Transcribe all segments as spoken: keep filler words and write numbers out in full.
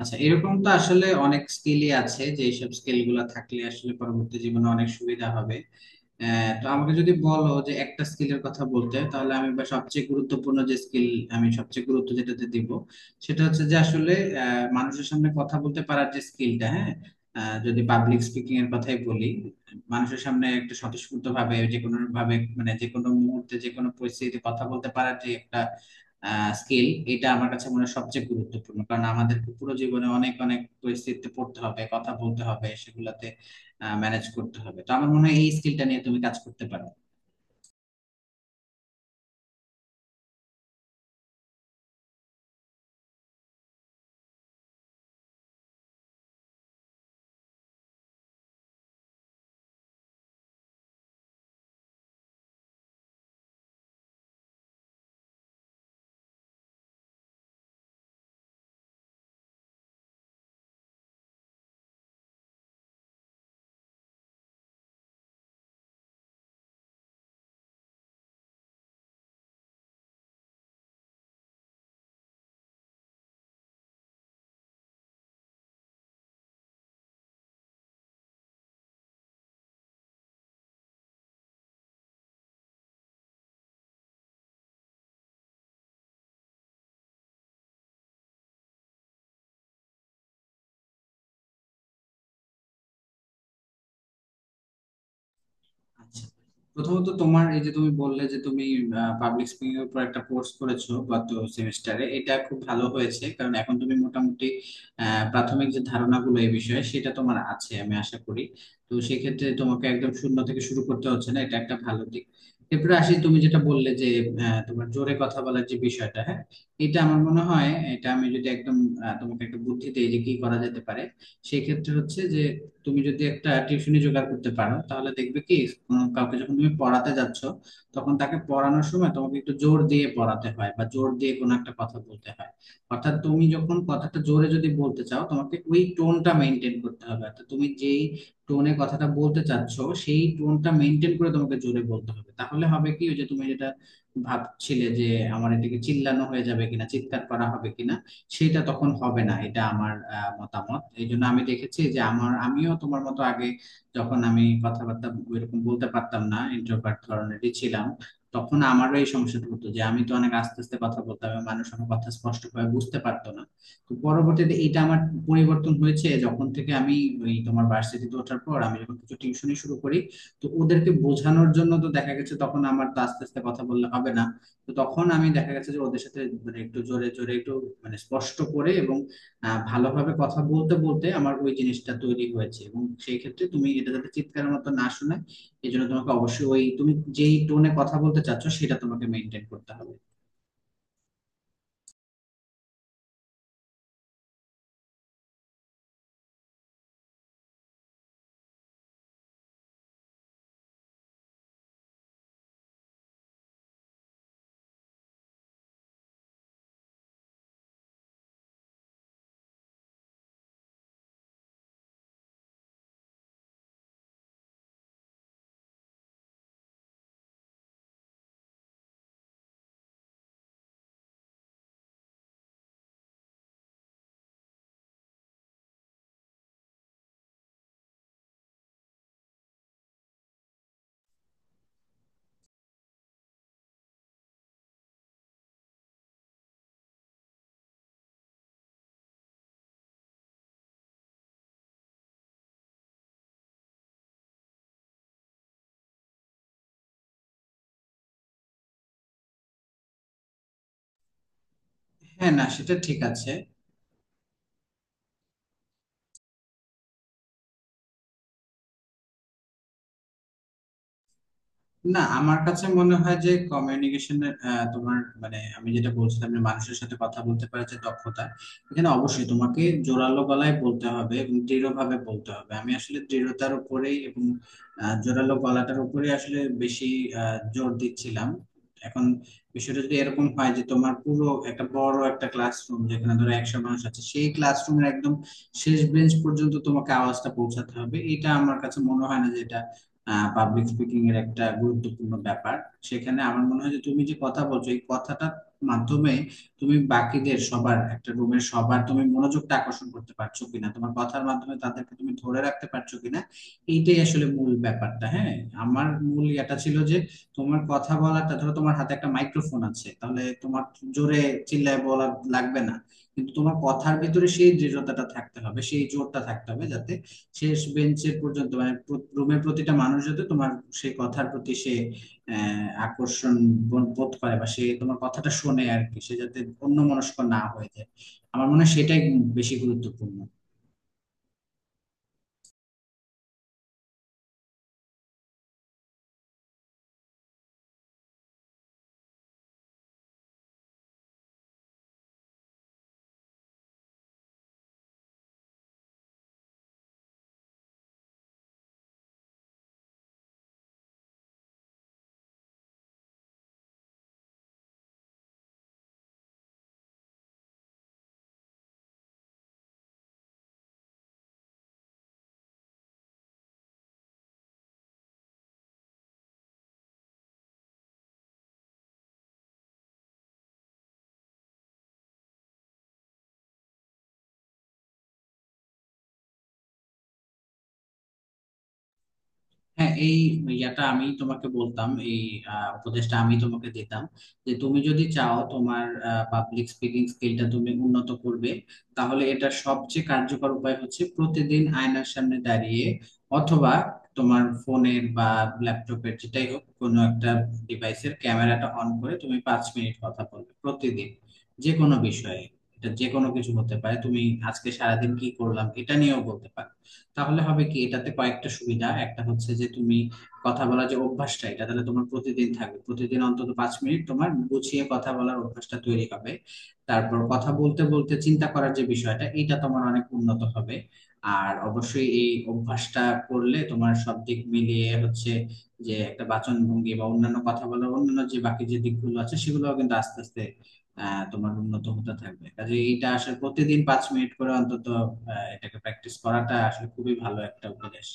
আচ্ছা, এরকম তো আসলে অনেক স্কিলই আছে যে এইসব স্কিল গুলা থাকলে আসলে পরবর্তী জীবনে অনেক সুবিধা হবে। আহ, তো আমাকে যদি বলো যে একটা স্কিলের কথা বলতে, তাহলে আমি বা সবচেয়ে গুরুত্বপূর্ণ যে স্কিল আমি সবচেয়ে গুরুত্ব যেটাতে দিব, সেটা হচ্ছে যে আসলে আহ, মানুষের সামনে কথা বলতে পারার যে স্কিলটা, হ্যাঁ। আহ, যদি পাবলিক স্পিকিং এর কথাই বলি, মানুষের সামনে একটা স্বতঃস্ফূর্ত ভাবে, যে কোনো ভাবে, মানে যে কোনো মুহূর্তে, যে কোনো পরিস্থিতিতে কথা বলতে পারার যে একটা স্কিল, এটা আমার কাছে মনে হয় সবচেয়ে গুরুত্বপূর্ণ। কারণ আমাদেরকে পুরো জীবনে অনেক অনেক পরিস্থিতিতে পড়তে হবে, কথা বলতে হবে, সেগুলাতে ম্যানেজ করতে হবে। তো আমার মনে হয় এই স্কিলটা নিয়ে তুমি কাজ করতে পারো। আচ্ছা, প্রথমত তোমার এই যে তুমি বললে যে তুমি পাবলিক স্পিকিং এর উপর একটা কোর্স করেছো গত সেমিস্টারে, এটা খুব ভালো হয়েছে, কারণ এখন তুমি মোটামুটি আহ, প্রাথমিক যে ধারণাগুলো এই বিষয়ে, সেটা তোমার আছে আমি আশা করি। তো সেক্ষেত্রে তোমাকে একদম শূন্য থেকে শুরু করতে হচ্ছে না, এটা একটা ভালো দিক। এরপরে আসি, তুমি যেটা বললে যে আহ, তোমার জোরে কথা বলার যে বিষয়টা, হ্যাঁ। এটা আমার মনে হয়, এটা আমি যদি একদম আহ, তোমাকে একটা বুদ্ধি দিই যে কি করা যেতে পারে, সেক্ষেত্রে হচ্ছে যে তুমি যদি একটা টিউশনি জোগাড় করতে পারো, তাহলে দেখবে কি উম, কাউকে যখন তুমি পড়াতে যাচ্ছ, তখন তাকে পড়ানোর সময় তোমাকে একটু জোর দিয়ে পড়াতে হয় বা জোর দিয়ে কোনো একটা কথা বলতে হয়। অর্থাৎ তুমি যখন কথাটা জোরে যদি বলতে চাও, তোমাকে ওই টোনটা মেনটেন করতে হবে। অর্থাৎ তুমি যেই টোনে কথাটা বলতে চাচ্ছ, সেই টোনটা মেনটেন করে তোমাকে জোরে বলতে হবে। তাহলে হবে কি, ওই যে তুমি যেটা ভাবছিলে যে আমার এটাকে চিল্লানো হয়ে যাবে কিনা, চিৎকার করা হবে কিনা, সেটা তখন হবে না। এটা আমার আহ, মতামত। এই জন্য আমি দেখেছি যে আমার, আমিও তোমার মতো আগে যখন আমি কথাবার্তা এরকম বলতে পারতাম না, ইন্ট্রোভার্ট ধরনেরই ছিলাম, তখন আমারও এই সমস্যাটা হতো যে আমি তো অনেক আস্তে আস্তে কথা বলতাম এবং মানুষ আমার কথা স্পষ্টভাবে বুঝতে পারতো না। তো পরবর্তীতে এটা আমার পরিবর্তন হয়েছে যখন থেকে আমি, ওই তোমার ভার্সিটিতে ওঠার পর আমি যখন কিছু টিউশনি শুরু করি, তো ওদেরকে বোঝানোর জন্য তো দেখা গেছে তখন আমার তো আস্তে আস্তে কথা বললে হবে না। তো তখন আমি দেখা গেছে যে ওদের সাথে মানে একটু জোরে জোরে, একটু মানে স্পষ্ট করে এবং আহ, ভালোভাবে কথা বলতে বলতে আমার ওই জিনিসটা তৈরি হয়েছে। এবং সেই ক্ষেত্রে তুমি এটা যাতে চিৎকারের মতো না শোনায়, এই জন্য তোমাকে অবশ্যই ওই তুমি যেই টোনে কথা বলতে চাচ্ছ, সেটা তোমাকে মেনটেন করতে হবে। হ্যাঁ, না সেটা ঠিক আছে। না, আমার কাছে মনে হয় যে কমিউনিকেশনের, তোমার, মানে আমি যেটা বলছিলাম যে মানুষের সাথে কথা বলতে পারার যে দক্ষতা, এখানে অবশ্যই তোমাকে জোরালো গলায় বলতে হবে এবং দৃঢ়ভাবে বলতে হবে। আমি আসলে দৃঢ়তার উপরেই এবং আহ, জোরালো গলাটার উপরেই আসলে বেশি আহ, জোর দিচ্ছিলাম। এখন বিষয়টা যদি এরকম হয় যে তোমার পুরো একটা বড় একটা ক্লাসরুম, যেখানে ধরো একশো মানুষ আছে, সেই ক্লাসরুমের একদম শেষ বেঞ্চ পর্যন্ত তোমাকে আওয়াজটা পৌঁছাতে হবে, এটা আমার কাছে মনে হয় না যেটা পাবলিক স্পিকিং এর একটা গুরুত্বপূর্ণ ব্যাপার। সেখানে আমার মনে হয় যে তুমি যে কথা বলছো, এই কথাটার মাধ্যমে তুমি বাকিদের সবার, একটা রুমের সবার তুমি মনোযোগটা আকর্ষণ করতে পারছো কিনা, তোমার কথার মাধ্যমে তাদেরকে তুমি ধরে রাখতে পারছো কিনা, এইটাই আসলে মূল ব্যাপারটা। হ্যাঁ, আমার মূল এটা ছিল যে তোমার কথা বলাটা, ধরো তোমার হাতে একটা মাইক্রোফোন আছে, তাহলে তোমার জোরে চিল্লায় বলা লাগবে না, কিন্তু তোমার কথার ভিতরে সেই দৃঢ়তাটা থাকতে হবে, সেই জোরটা থাকতে হবে, যাতে শেষ বেঞ্চের পর্যন্ত মানে রুমের প্রতিটা মানুষ যাতে তোমার সেই কথার প্রতি সে আহ, আকর্ষণ বোধ বোধ করে, বা সে তোমার কথাটা শোনে আর কি, সে যাতে অন্যমনস্ক না হয়ে যায়। আমার মনে হয় সেটাই বেশি গুরুত্বপূর্ণ। হ্যাঁ, এই ইয়াটা আমি তোমাকে বলতাম, এই আহ, উপদেশটা আমি তোমাকে দিতাম যে তুমি যদি চাও তোমার পাবলিক স্পিকিং স্কিলটা তুমি উন্নত করবে, তাহলে এটা সবচেয়ে কার্যকর উপায় হচ্ছে প্রতিদিন আয়নার সামনে দাঁড়িয়ে অথবা তোমার ফোনের বা ল্যাপটপের, যেটাই হোক কোনো একটা ডিভাইসের ক্যামেরাটা অন করে তুমি পাঁচ মিনিট কথা বলবে প্রতিদিন, যে কোনো বিষয়ে। এটা যে কোনো কিছু হতে পারে, তুমি আজকে সারাদিন কি করলাম এটা নিয়েও বলতে পারো। তাহলে হবে কি, এটাতে কয়েকটা সুবিধা, একটা হচ্ছে যে তুমি কথা বলার যে অভ্যাসটা, এটা তাহলে তোমার প্রতিদিন থাকবে, প্রতিদিন অন্তত পাঁচ মিনিট তোমার গুছিয়ে কথা বলার অভ্যাসটা তৈরি হবে। তারপর কথা বলতে বলতে চিন্তা করার যে বিষয়টা, এটা তোমার অনেক উন্নত হবে। আর অবশ্যই এই অভ্যাসটা করলে তোমার সব দিক মিলিয়ে হচ্ছে যে একটা বাচন ভঙ্গি বা অন্যান্য কথা বলার অন্যান্য যে বাকি যে দিকগুলো আছে, সেগুলোও কিন্তু আস্তে আস্তে আহ, তোমার উন্নত হতে থাকবে। কাজে এটা আসলে প্রতিদিন পাঁচ মিনিট করে অন্তত আহ, এটাকে প্র্যাকটিস করাটা আসলে খুবই ভালো একটা উপদেশ।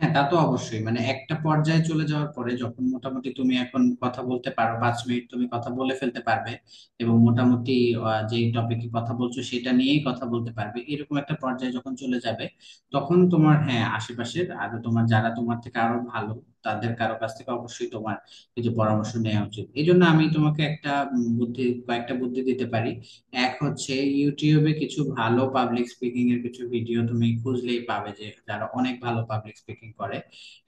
হ্যাঁ, তা তো অবশ্যই, মানে একটা পর্যায়ে চলে যাওয়ার পরে যখন মোটামুটি তুমি এখন কথা বলতে পারো, পাঁচ মিনিট তুমি কথা বলে ফেলতে পারবে এবং মোটামুটি আহ, যে টপিকে কথা বলছো সেটা নিয়েই কথা বলতে পারবে, এরকম একটা পর্যায়ে যখন চলে যাবে, তখন তোমার, হ্যাঁ, আশেপাশের আরো তোমার যারা তোমার থেকে আরো ভালো, তাদের কারো কাছ থেকে অবশ্যই তোমার কিছু পরামর্শ নেওয়া উচিত। এই জন্য আমি তোমাকে একটা উম, বুদ্ধি, কয়েকটা বুদ্ধি দিতে পারি। এক হচ্ছে ইউটিউবে কিছু ভালো পাবলিক স্পিকিং এর কিছু ভিডিও তুমি খুঁজলেই পাবে, যে যারা অনেক ভালো পাবলিক স্পিকিং করে।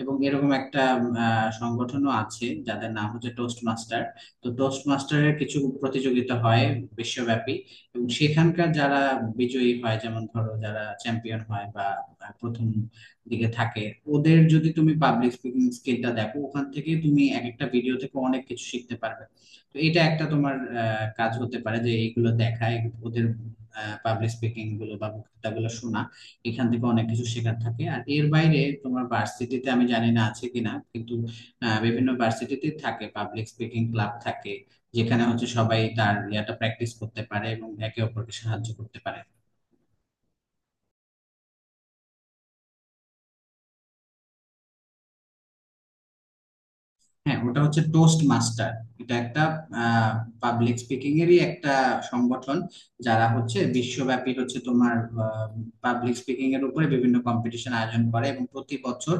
এবং এরকম একটা আহ, সংগঠনও আছে যাদের নাম হচ্ছে টোস্ট মাস্টার। তো টোস্ট মাস্টারের কিছু প্রতিযোগিতা হয় বিশ্বব্যাপী, এবং সেখানকার যারা বিজয়ী হয়, যেমন ধরো যারা চ্যাম্পিয়ন হয় বা আহ, প্রথম দিকে থাকে, ওদের যদি তুমি পাবলিক স্পিকিং স্কিলটা দেখো, ওখান থেকে তুমি এক একটা ভিডিও থেকে অনেক কিছু শিখতে পারবে। তো এটা একটা তোমার আহ, কাজ হতে পারে যে এইগুলো দেখায় ওদের পাবলিক স্পিকিং গুলো বা বক্তৃতা গুলো শোনা, এখান থেকে অনেক কিছু শেখার থাকে। আর এর বাইরে তোমার ভার্সিটিতে আমি জানি না আছে কিনা, কিন্তু আহ, বিভিন্ন ভার্সিটিতে থাকে, পাবলিক স্পিকিং ক্লাব থাকে, যেখানে হচ্ছে সবাই তার ইয়াটা প্র্যাকটিস করতে পারে এবং একে অপরকে সাহায্য করতে পারে। হ্যাঁ, ওটা হচ্ছে টোস্ট মাস্টার। এটা একটা পাবলিক স্পিকিং এরই একটা সংগঠন যারা হচ্ছে বিশ্বব্যাপী হচ্ছে তোমার পাবলিক স্পিকিং এর উপরে বিভিন্ন কম্পিটিশন আয়োজন করে। এবং প্রতি বছর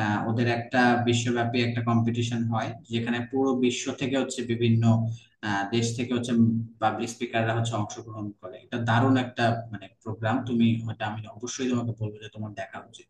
আহ, ওদের একটা বিশ্বব্যাপী একটা কম্পিটিশন হয়, যেখানে পুরো বিশ্ব থেকে হচ্ছে বিভিন্ন আহ, দেশ থেকে হচ্ছে পাবলিক স্পিকাররা হচ্ছে অংশগ্রহণ করে। এটা দারুণ একটা মানে প্রোগ্রাম, তুমি ওটা আমি অবশ্যই তোমাকে বলবো যে তোমার দেখা উচিত।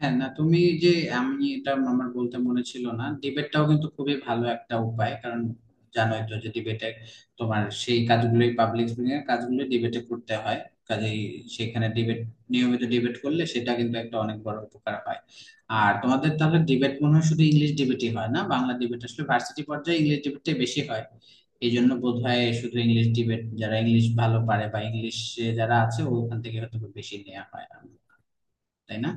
হ্যাঁ, না তুমি যে, আমি এটা আমার বলতে মনে ছিল না, ডিবেটটাও কিন্তু খুবই ভালো একটা উপায়। কারণ জানোই তো যে ডিবেটে তোমার সেই কাজগুলোই, পাবলিক স্পিকিং এর কাজগুলো ডিবেটে করতে হয়। কাজেই সেখানে ডিবেট, নিয়মিত ডিবেট করলে সেটা কিন্তু একটা অনেক বড় উপকার হয়। আর তোমাদের তাহলে ডিবেট মনে হয় শুধু ইংলিশ ডিবেটই হয়, না বাংলা ডিবেট আসলে ভার্সিটি পর্যায়ে ইংলিশ ডিবেটটাই বেশি হয়, এই জন্য বোধহয় শুধু ইংলিশ ডিবেট যারা ইংলিশ ভালো পারে বা ইংলিশে যারা আছে, ওখান থেকে হয়তো বেশি নেওয়া হয়, তাই না?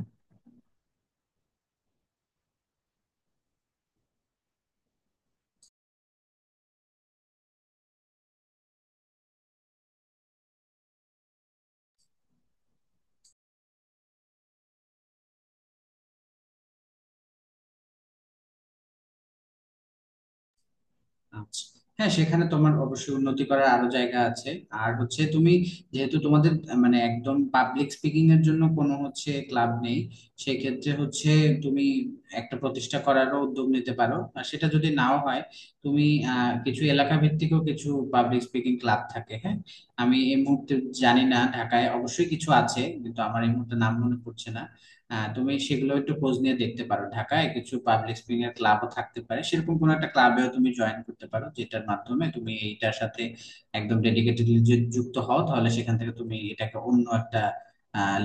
আচ্ছা। হ্যাঁ, সেখানে তোমার অবশ্যই উন্নতি করার আরো জায়গা আছে। আর হচ্ছে তুমি যেহেতু তোমাদের আহ, মানে একদম পাবলিক স্পিকিং এর জন্য কোনো হচ্ছে ক্লাব নেই, সেক্ষেত্রে হচ্ছে তুমি একটা প্রতিষ্ঠা করারও উদ্যোগ নিতে পারো। আর সেটা যদি নাও হয়, তুমি আহ কিছু এলাকা ভিত্তিকও কিছু পাবলিক স্পিকিং ক্লাব থাকে, হ্যাঁ। আমি এই মুহূর্তে জানি না, ঢাকায় অবশ্যই কিছু আছে কিন্তু আমার এই মুহূর্তে নাম মনে পড়ছে না। আহ, তুমি সেগুলো একটু খোঁজ নিয়ে দেখতে পারো, ঢাকায় কিছু পাবলিক স্পিকিং এর ক্লাবও থাকতে পারে, সেরকম কোনো একটা ক্লাবেও তুমি জয়েন করতে পারো, যেটার মাধ্যমে তুমি এইটার সাথে একদম ডেডিকেটেডলি যদি যুক্ত হও, তাহলে সেখান থেকে তুমি এটাকে অন্য একটা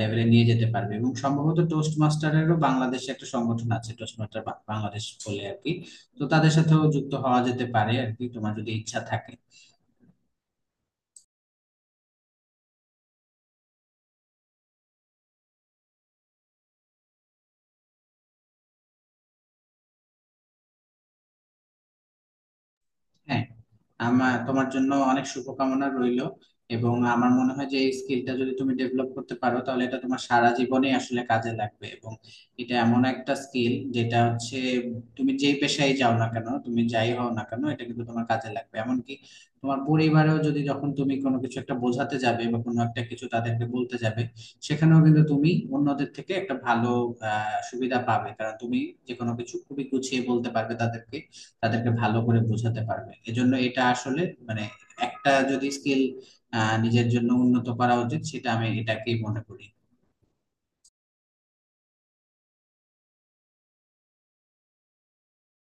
লেভেলে নিয়ে যেতে পারবে। এবং সম্ভবত টোস্ট মাস্টারেরও বাংলাদেশে একটা সংগঠন আছে, টোস্ট মাস্টার বাংলাদেশ বলে আর কি। তো তাদের সাথেও যুক্ত হওয়া যেতে পারে আর কি, তোমার যদি ইচ্ছা থাকে। হ্যাঁ, আমার তোমার জন্য অনেক শুভকামনা রইলো। এবং আমার মনে হয় যে এই স্কিলটা যদি তুমি ডেভেলপ করতে পারো, তাহলে এটা তোমার সারা জীবনে আসলে কাজে লাগবে। এবং এটা এমন একটা স্কিল যেটা হচ্ছে তুমি যেই পেশায় যাও না কেন, তুমি যাই হও না কেন, এটা কিন্তু তোমার কাজে লাগবে। এমনকি তোমার পরিবারেও যদি, যখন তুমি কোনো কিছু একটা বোঝাতে যাবে বা কোনো একটা কিছু তাদেরকে বলতে যাবে, সেখানেও কিন্তু তুমি অন্যদের থেকে একটা ভালো আহ সুবিধা পাবে, কারণ তুমি যে কোনো কিছু খুবই গুছিয়ে বলতে পারবে তাদেরকে, তাদেরকে ভালো করে বোঝাতে পারবে। এজন্য এটা আসলে মানে একটা যদি স্কিল নিজের জন্য উন্নত করা উচিত, সেটা আমি এটাকেই মনে করি।